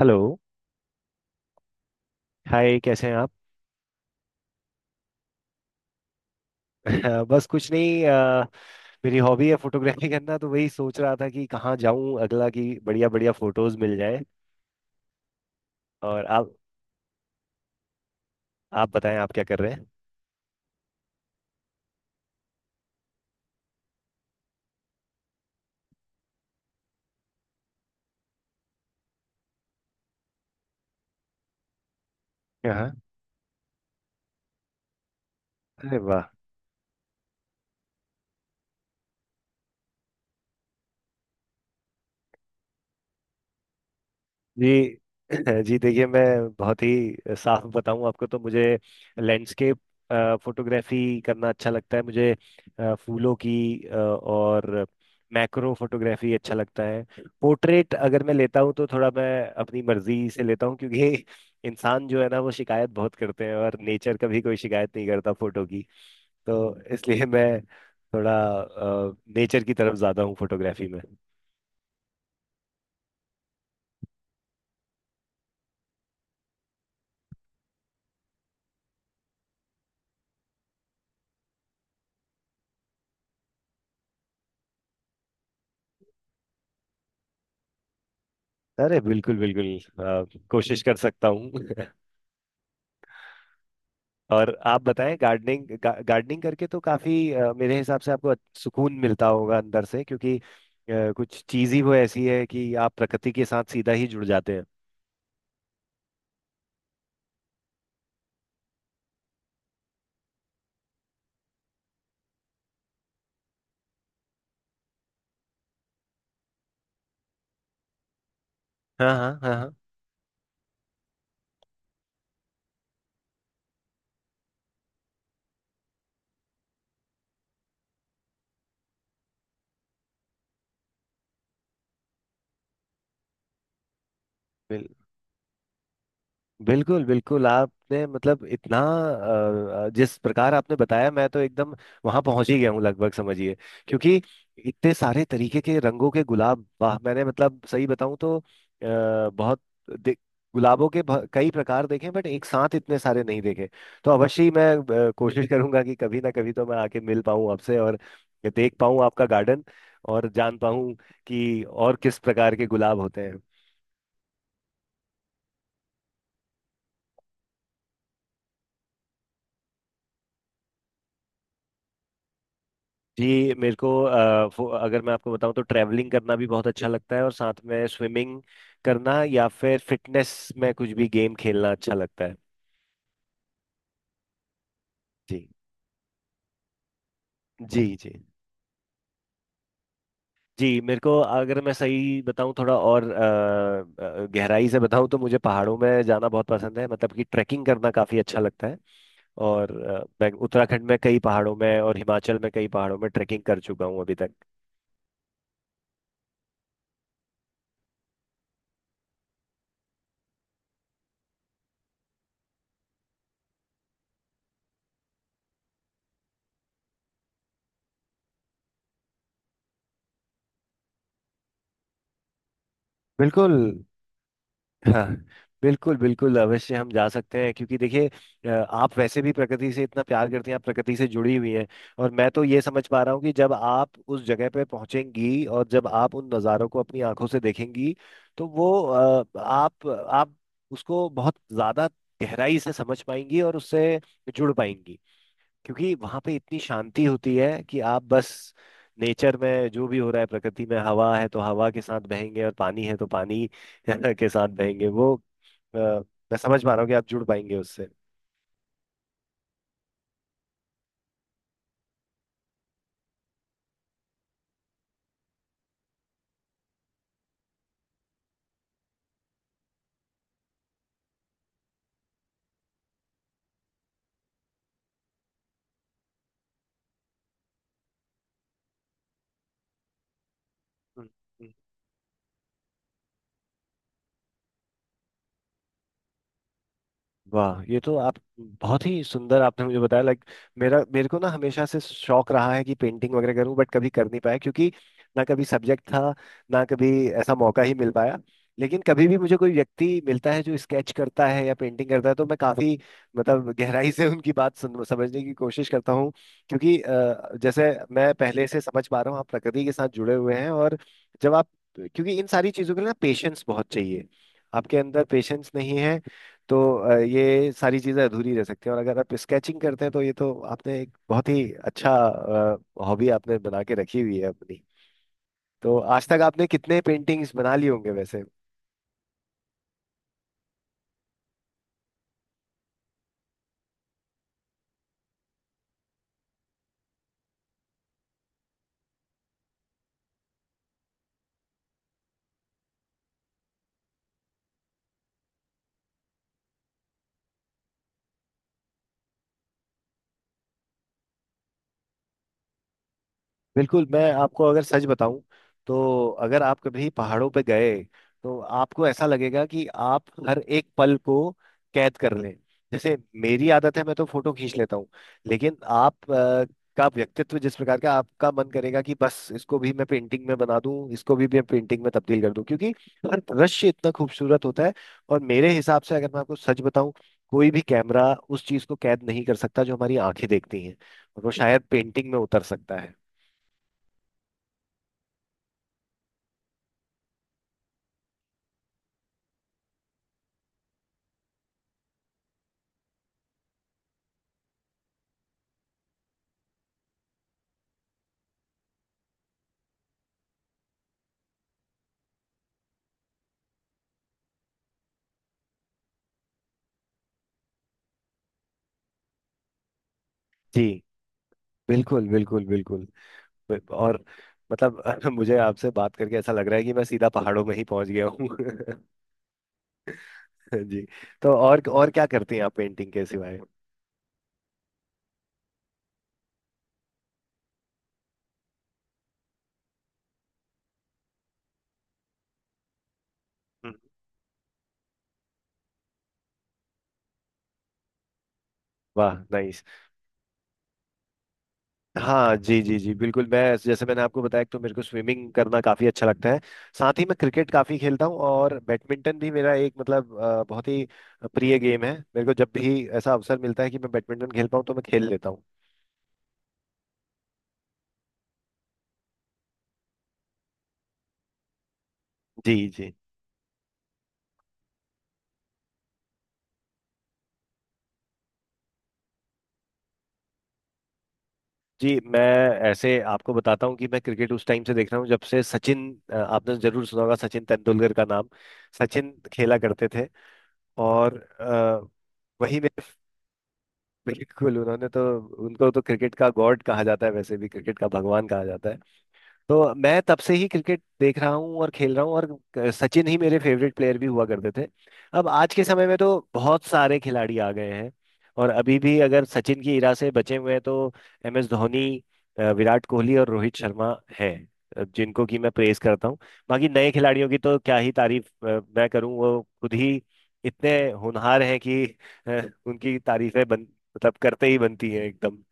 Hello. Hi, कैसे हैं आप? बस कुछ नहीं। मेरी हॉबी है फोटोग्राफी करना, तो वही सोच रहा था कि कहाँ जाऊं अगला कि बढ़िया बढ़िया फोटोज मिल जाए। और आप? आप बताएं, आप क्या कर रहे हैं? हाँ। अरे वाह। जी जी देखिए, मैं बहुत ही साफ बताऊं आपको तो मुझे लैंडस्केप फोटोग्राफी करना अच्छा लगता है, मुझे फूलों की और मैक्रो फोटोग्राफी अच्छा लगता है। पोर्ट्रेट अगर मैं लेता हूं तो थोड़ा मैं अपनी मर्जी से लेता हूं, क्योंकि इंसान जो है ना, वो शिकायत बहुत करते हैं और नेचर कभी कोई शिकायत नहीं करता फोटो की। तो इसलिए मैं थोड़ा नेचर की तरफ ज्यादा हूँ फोटोग्राफी में। अरे बिल्कुल बिल्कुल। कोशिश कर सकता हूँ और आप बताएं, गार्डनिंग गार्डनिंग करके तो काफी, मेरे हिसाब से आपको सुकून मिलता होगा अंदर से, क्योंकि कुछ चीज ही वो ऐसी है कि आप प्रकृति के साथ सीधा ही जुड़ जाते हैं। हाँ हाँ हाँ हाँ। बिल- बिल्कुल बिल्कुल, आपने मतलब इतना, जिस प्रकार आपने बताया, मैं तो एकदम वहां पहुंच ही गया हूँ लगभग, समझिए। क्योंकि इतने सारे तरीके के रंगों के गुलाब, वाह! मैंने मतलब सही बताऊं तो बहुत दे- गुलाबों के कई प्रकार देखे, बट एक साथ इतने सारे नहीं देखे। तो अवश्य ही मैं कोशिश करूंगा कि कभी ना कभी तो मैं आके मिल पाऊं आपसे, और देख पाऊं आपका गार्डन, और जान पाऊं कि और किस प्रकार के गुलाब होते हैं। जी, मेरे को अगर मैं आपको बताऊं तो ट्रैवलिंग करना भी बहुत अच्छा लगता है, और साथ में स्विमिंग करना, या फिर फिटनेस में कुछ भी गेम खेलना अच्छा लगता है। जी जी। जी जी, मेरे को अगर मैं सही बताऊं, थोड़ा और गहराई से बताऊं, तो मुझे पहाड़ों में जाना बहुत पसंद है, मतलब कि ट्रैकिंग करना काफ़ी अच्छा लगता है। और मैं उत्तराखंड में कई पहाड़ों में और हिमाचल में कई पहाड़ों में ट्रैकिंग कर चुका हूं अभी तक। बिल्कुल। हाँ बिल्कुल बिल्कुल, अवश्य हम जा सकते हैं, क्योंकि देखिए, आप वैसे भी प्रकृति से इतना प्यार करती हैं, आप प्रकृति से जुड़ी हुई हैं। और मैं तो ये समझ पा रहा हूँ कि जब आप उस जगह पे पहुंचेंगी और जब आप उन नज़ारों को अपनी आंखों से देखेंगी, तो वो आप उसको बहुत ज़्यादा गहराई से समझ पाएंगी और उससे जुड़ पाएंगी। क्योंकि वहां पे इतनी शांति होती है कि आप बस नेचर में जो भी हो रहा है, प्रकृति में हवा है तो हवा के साथ बहेंगे, और पानी है तो पानी के साथ बहेंगे। मैं समझ पा रहा हूँ कि आप जुड़ पाएंगे उससे। हम्म। वाह, ये तो आप बहुत ही सुंदर आपने मुझे बताया। लाइक मेरा मेरे को ना हमेशा से शौक रहा है कि पेंटिंग वगैरह करूं, बट कभी कर नहीं पाया, क्योंकि ना कभी सब्जेक्ट था, ना कभी ऐसा मौका ही मिल पाया। लेकिन कभी भी मुझे कोई व्यक्ति मिलता है जो स्केच करता है या पेंटिंग करता है, तो मैं काफी मतलब गहराई से उनकी बात सुन, समझने की कोशिश करता हूँ। क्योंकि जैसे मैं पहले से समझ पा रहा हूँ, आप प्रकृति के साथ जुड़े हुए हैं। और जब आप क्योंकि इन सारी चीजों के लिए ना पेशेंस बहुत चाहिए। आपके अंदर पेशेंस नहीं है तो ये सारी चीज़ें अधूरी रह सकती हैं। और अगर आप स्केचिंग करते हैं तो ये तो आपने एक बहुत ही अच्छा हॉबी आपने बना के रखी हुई है अपनी। तो आज तक आपने कितने पेंटिंग्स बना लिए होंगे वैसे? बिल्कुल। मैं आपको अगर सच बताऊं तो, अगर आप कभी पहाड़ों पे गए, तो आपको ऐसा लगेगा कि आप हर एक पल को कैद कर लें। जैसे मेरी आदत है, मैं तो फोटो खींच लेता हूँ। लेकिन आप का व्यक्तित्व जिस प्रकार का, आपका मन करेगा कि बस इसको भी मैं पेंटिंग में बना दूं, इसको भी मैं पेंटिंग में तब्दील कर दूं, क्योंकि हर दृश्य इतना खूबसूरत होता है। और मेरे हिसाब से अगर मैं आपको सच बताऊं, कोई भी कैमरा उस चीज को कैद नहीं कर सकता जो हमारी आंखें देखती हैं, और वो शायद पेंटिंग में उतर सकता है। जी, बिल्कुल बिल्कुल बिल्कुल। और मतलब मुझे आपसे बात करके ऐसा लग रहा है कि मैं सीधा पहाड़ों में ही पहुंच गया हूँ जी। तो और क्या करती हैं आप पेंटिंग के सिवाय? हम्म। वाह, नाइस। हाँ जी जी जी बिल्कुल, मैं जैसे मैंने आपको बताया कि तो मेरे को स्विमिंग करना काफी अच्छा लगता है। साथ ही मैं क्रिकेट काफी खेलता हूँ, और बैडमिंटन भी मेरा एक मतलब बहुत ही प्रिय गेम है। मेरे को जब भी ऐसा अवसर मिलता है कि मैं बैडमिंटन खेल पाऊँ तो मैं खेल लेता हूँ। जी जी। जी मैं ऐसे आपको बताता हूँ कि मैं क्रिकेट उस टाइम से देख रहा हूँ जब से सचिन, आपने जरूर सुना होगा सचिन तेंदुलकर का नाम, सचिन खेला करते थे। और वही में बिल्कुल उन्होंने तो, उनको तो क्रिकेट का गॉड कहा जाता है, वैसे भी क्रिकेट का भगवान कहा जाता है। तो मैं तब से ही क्रिकेट देख रहा हूँ और खेल रहा हूँ। और सचिन ही मेरे फेवरेट प्लेयर भी हुआ करते थे। अब आज के समय में तो बहुत सारे खिलाड़ी आ गए हैं, और अभी भी अगर सचिन की इरा से बचे हुए हैं तो MS धोनी, विराट कोहली और रोहित शर्मा हैं, जिनको कि मैं प्रेज करता हूँ। बाकी नए खिलाड़ियों की तो क्या ही तारीफ मैं करूँ, वो खुद ही इतने होनहार हैं कि उनकी तारीफें बन मतलब करते ही बनती हैं एकदम।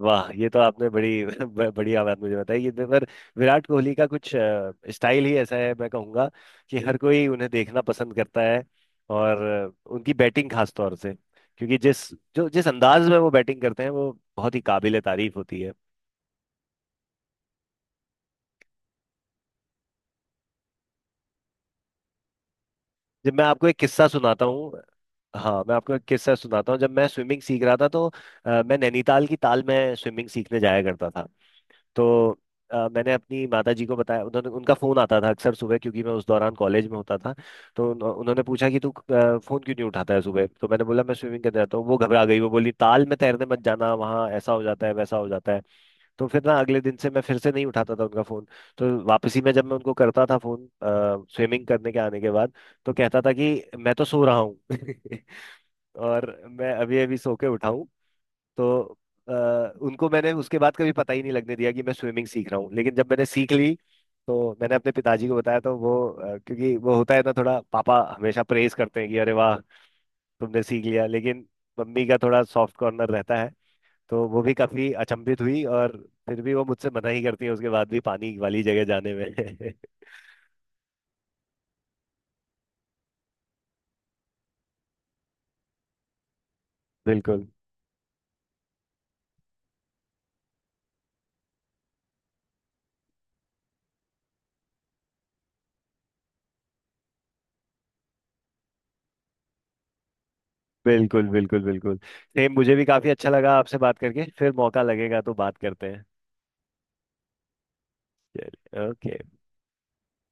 वाह, ये तो आपने बड़ी बढ़िया बात मुझे बताई। ये तो पर विराट कोहली का कुछ स्टाइल ही ऐसा है, मैं कहूँगा कि हर कोई उन्हें देखना पसंद करता है। और उनकी बैटिंग खास तौर से, क्योंकि जिस अंदाज में वो बैटिंग करते हैं, वो बहुत ही काबिल तारीफ होती है। जब मैं आपको एक किस्सा सुनाता हूँ, हाँ मैं आपको एक किस्सा सुनाता हूँ, जब मैं स्विमिंग सीख रहा था तो मैं नैनीताल की ताल में स्विमिंग सीखने जाया करता था। तो मैंने अपनी माता जी को बताया, उन्होंने उनका फ़ोन आता था अक्सर सुबह, क्योंकि मैं उस दौरान कॉलेज में होता था। तो उन्होंने पूछा कि तू फ़ोन क्यों नहीं उठाता है सुबह, तो मैंने बोला मैं स्विमिंग करने जाता हूँ। वो घबरा गई, वो बोली ताल में तैरने मत जाना, वहाँ ऐसा हो जाता है, वैसा हो जाता है। तो फिर ना अगले दिन से मैं फिर से नहीं उठाता था उनका फ़ोन। तो वापसी में जब मैं उनको करता था फ़ोन, स्विमिंग करने के आने के बाद, तो कहता था कि मैं तो सो रहा हूँ और मैं अभी अभी सो के उठा हूँ। तो अ, उनको मैंने उसके बाद कभी पता ही नहीं लगने दिया कि मैं स्विमिंग सीख रहा हूँ। लेकिन जब मैंने सीख ली, तो मैंने अपने पिताजी को बताया, तो वो क्योंकि वो होता है ना, थोड़ा पापा हमेशा प्रेज करते हैं कि अरे वाह तुमने सीख लिया, लेकिन मम्मी का थोड़ा सॉफ्ट कॉर्नर रहता है। तो वो भी काफी अचंभित हुई, और फिर भी वो मुझसे मना ही करती है उसके बाद भी पानी वाली जगह जाने में बिल्कुल। बिल्कुल बिल्कुल बिल्कुल, सेम मुझे भी काफी अच्छा लगा आपसे बात करके। फिर मौका लगेगा तो बात करते हैं। चलिए ओके।